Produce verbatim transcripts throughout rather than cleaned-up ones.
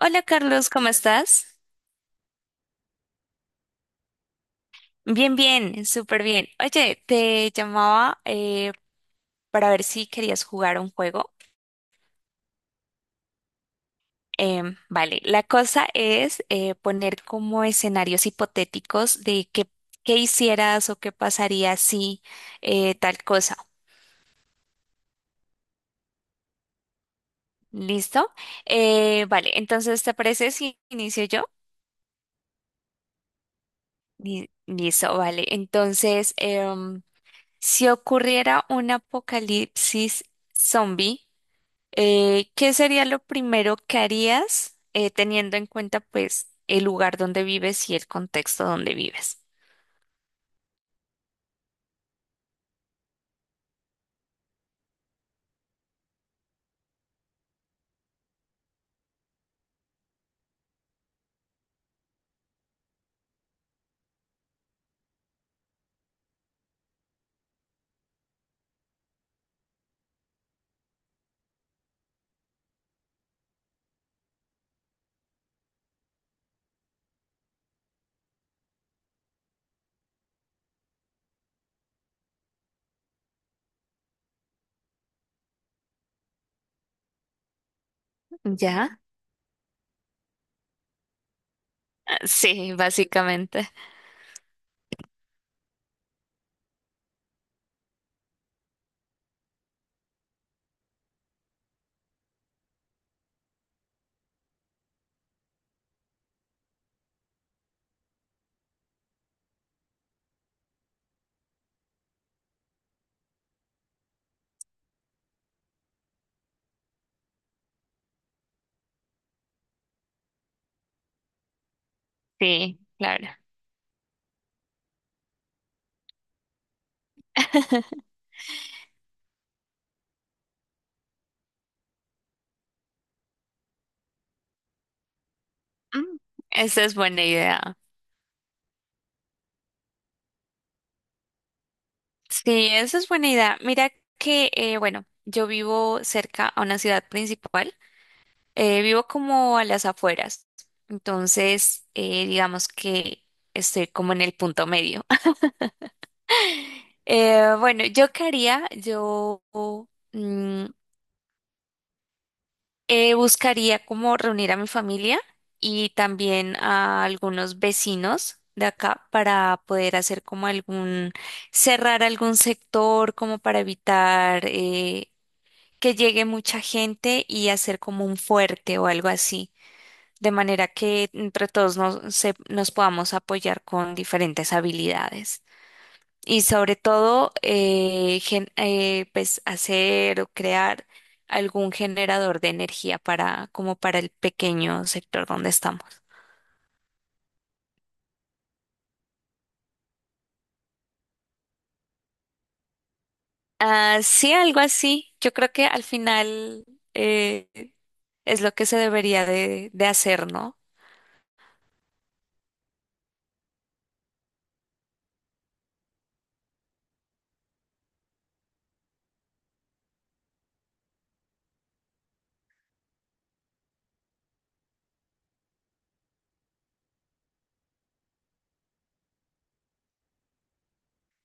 Hola Carlos, ¿cómo estás? Bien, bien, súper bien. Oye, te llamaba eh, para ver si querías jugar un juego. Em, vale, la cosa es eh, poner como escenarios hipotéticos de qué, qué hicieras o qué pasaría si eh, tal cosa. ¿Listo? Eh, vale, entonces, ¿te parece si inicio yo? Li- Listo, vale. Entonces, em, si ocurriera un apocalipsis zombie, Eh, ¿qué sería lo primero que harías eh, teniendo en cuenta pues el lugar donde vives y el contexto donde vives? ¿Ya? Ah, sí, básicamente. Sí, claro. Mm, esa es buena idea. Sí, esa es buena idea. Mira que, eh, bueno, yo vivo cerca a una ciudad principal, eh, vivo como a las afueras, entonces eh, digamos que estoy como en el punto medio. Eh, bueno, yo qué haría, yo mm, eh, buscaría como reunir a mi familia y también a algunos vecinos de acá para poder hacer como algún, cerrar algún sector como para evitar eh, que llegue mucha gente y hacer como un fuerte o algo así, de manera que entre todos nos, se- nos podamos apoyar con diferentes habilidades. Y sobre todo eh, gen- eh, pues hacer o crear algún generador de energía para como para el pequeño sector donde estamos. Ah, sí, algo así. Yo creo que al final eh, es lo que se debería de, de hacer, ¿no?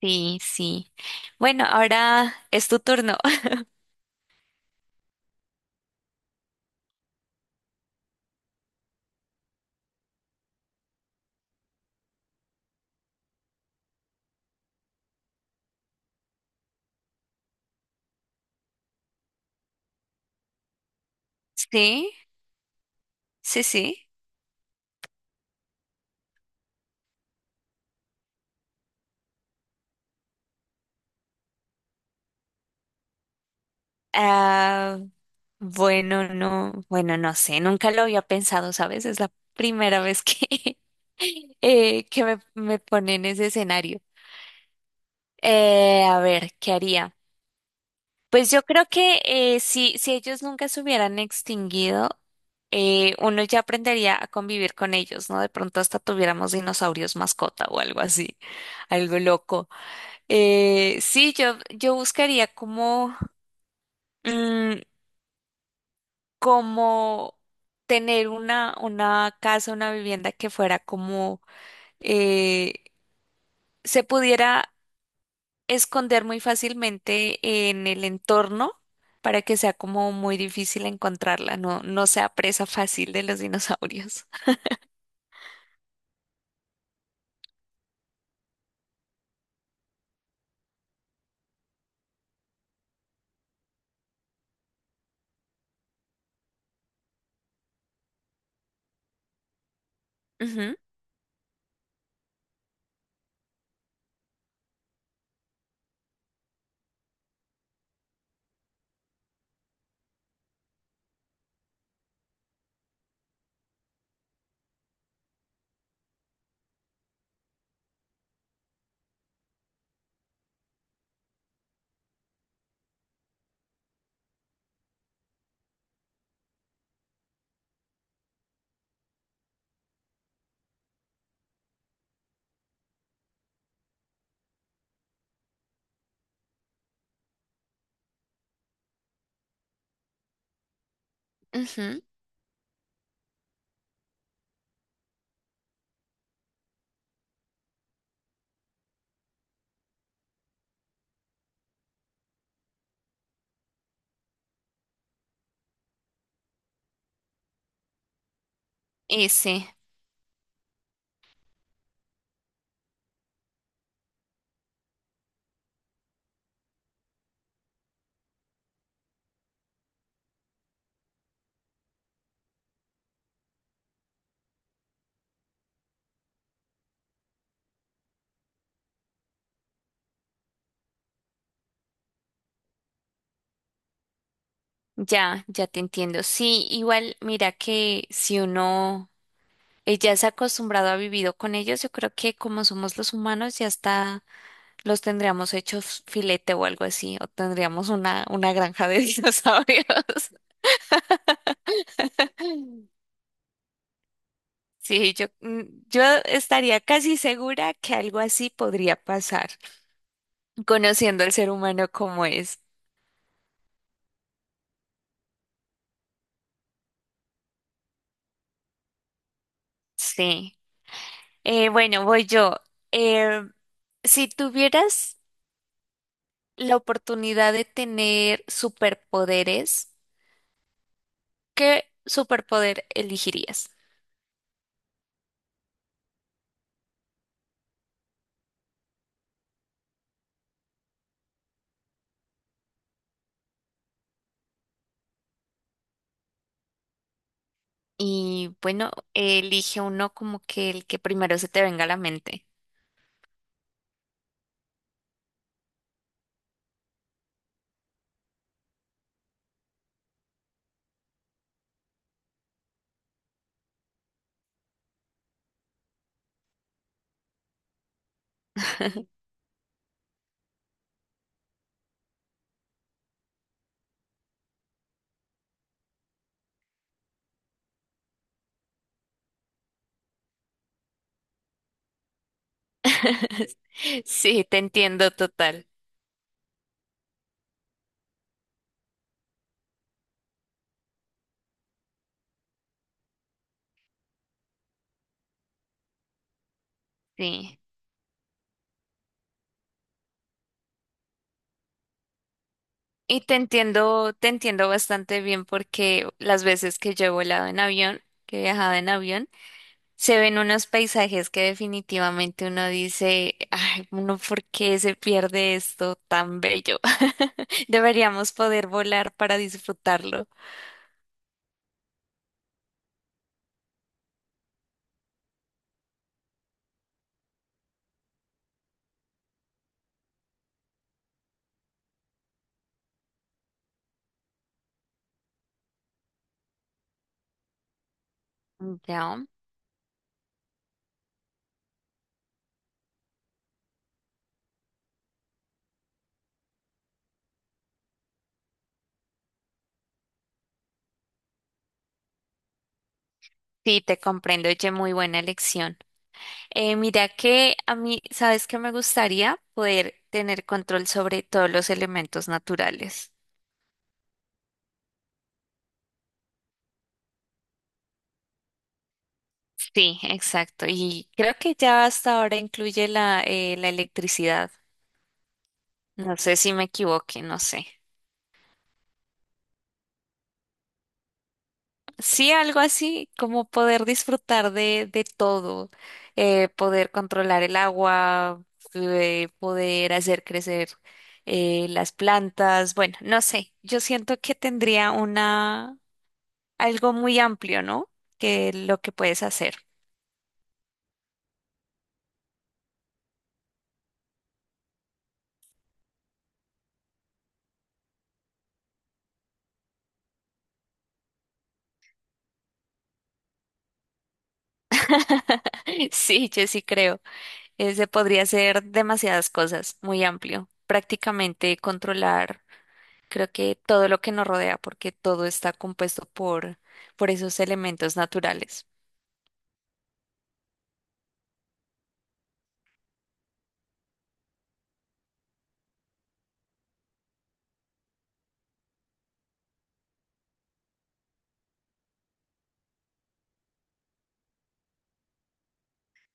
Sí, sí. Bueno, ahora es tu turno. Sí, sí, sí. Ah, bueno, no, bueno, no sé, nunca lo había pensado, ¿sabes? Es la primera vez que, eh, que me, me pone en ese escenario. Eh, a ver, ¿qué haría? Pues yo creo que eh, si, si ellos nunca se hubieran extinguido, eh, uno ya aprendería a convivir con ellos, ¿no? De pronto hasta tuviéramos dinosaurios mascota o algo así, algo loco. Eh, sí, yo, yo buscaría como... mm, como tener una, una casa, una vivienda que fuera como eh, se pudiera esconder muy fácilmente en el entorno para que sea como muy difícil encontrarla, no, no sea presa fácil de los dinosaurios. Ujú, ujú, ese, ya, ya te entiendo. Sí, igual, mira que si uno eh, ya se ha acostumbrado a vivir con ellos, yo creo que como somos los humanos, ya está. Los tendríamos hechos filete o algo así, o tendríamos una, una granja de dinosaurios. Sí, yo, mm, yo estaría casi segura que algo así podría pasar, conociendo al ser humano como es. Sí. Eh, bueno, voy yo. Eh, si tuvieras la oportunidad de tener superpoderes, ¿qué superpoder elegirías? Y bueno, elige uno como que el que primero se te venga a la mente. Sí, te entiendo total. Sí. Y te entiendo, te entiendo bastante bien porque las veces que yo he volado en avión, que he viajado en avión, se ven unos paisajes que definitivamente uno dice, ay, uno, ¿por qué se pierde esto tan bello? Deberíamos poder volar para disfrutarlo. Ya. Sí, te comprendo, oye, muy buena elección. Eh, mira que a mí, ¿sabes qué me gustaría? Poder tener control sobre todos los elementos naturales. Sí, exacto. Y creo que ya hasta ahora incluye la, eh, la electricidad. No sé si me equivoqué, no sé. Sí, algo así, como poder disfrutar de, de todo, eh, poder controlar el agua, eh, poder hacer crecer eh, las plantas. Bueno, no sé, yo siento que tendría algo muy amplio, ¿no? Que lo que puedes hacer. Sí, yo sí creo. Ese podría ser demasiadas cosas, muy amplio. Prácticamente controlar, creo que todo lo que nos rodea, porque todo está compuesto por, por esos elementos naturales.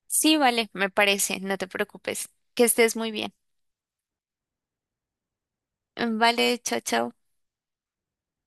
Sí, vale, me parece, no te preocupes. Que estés muy bien. Vale, chao, chao.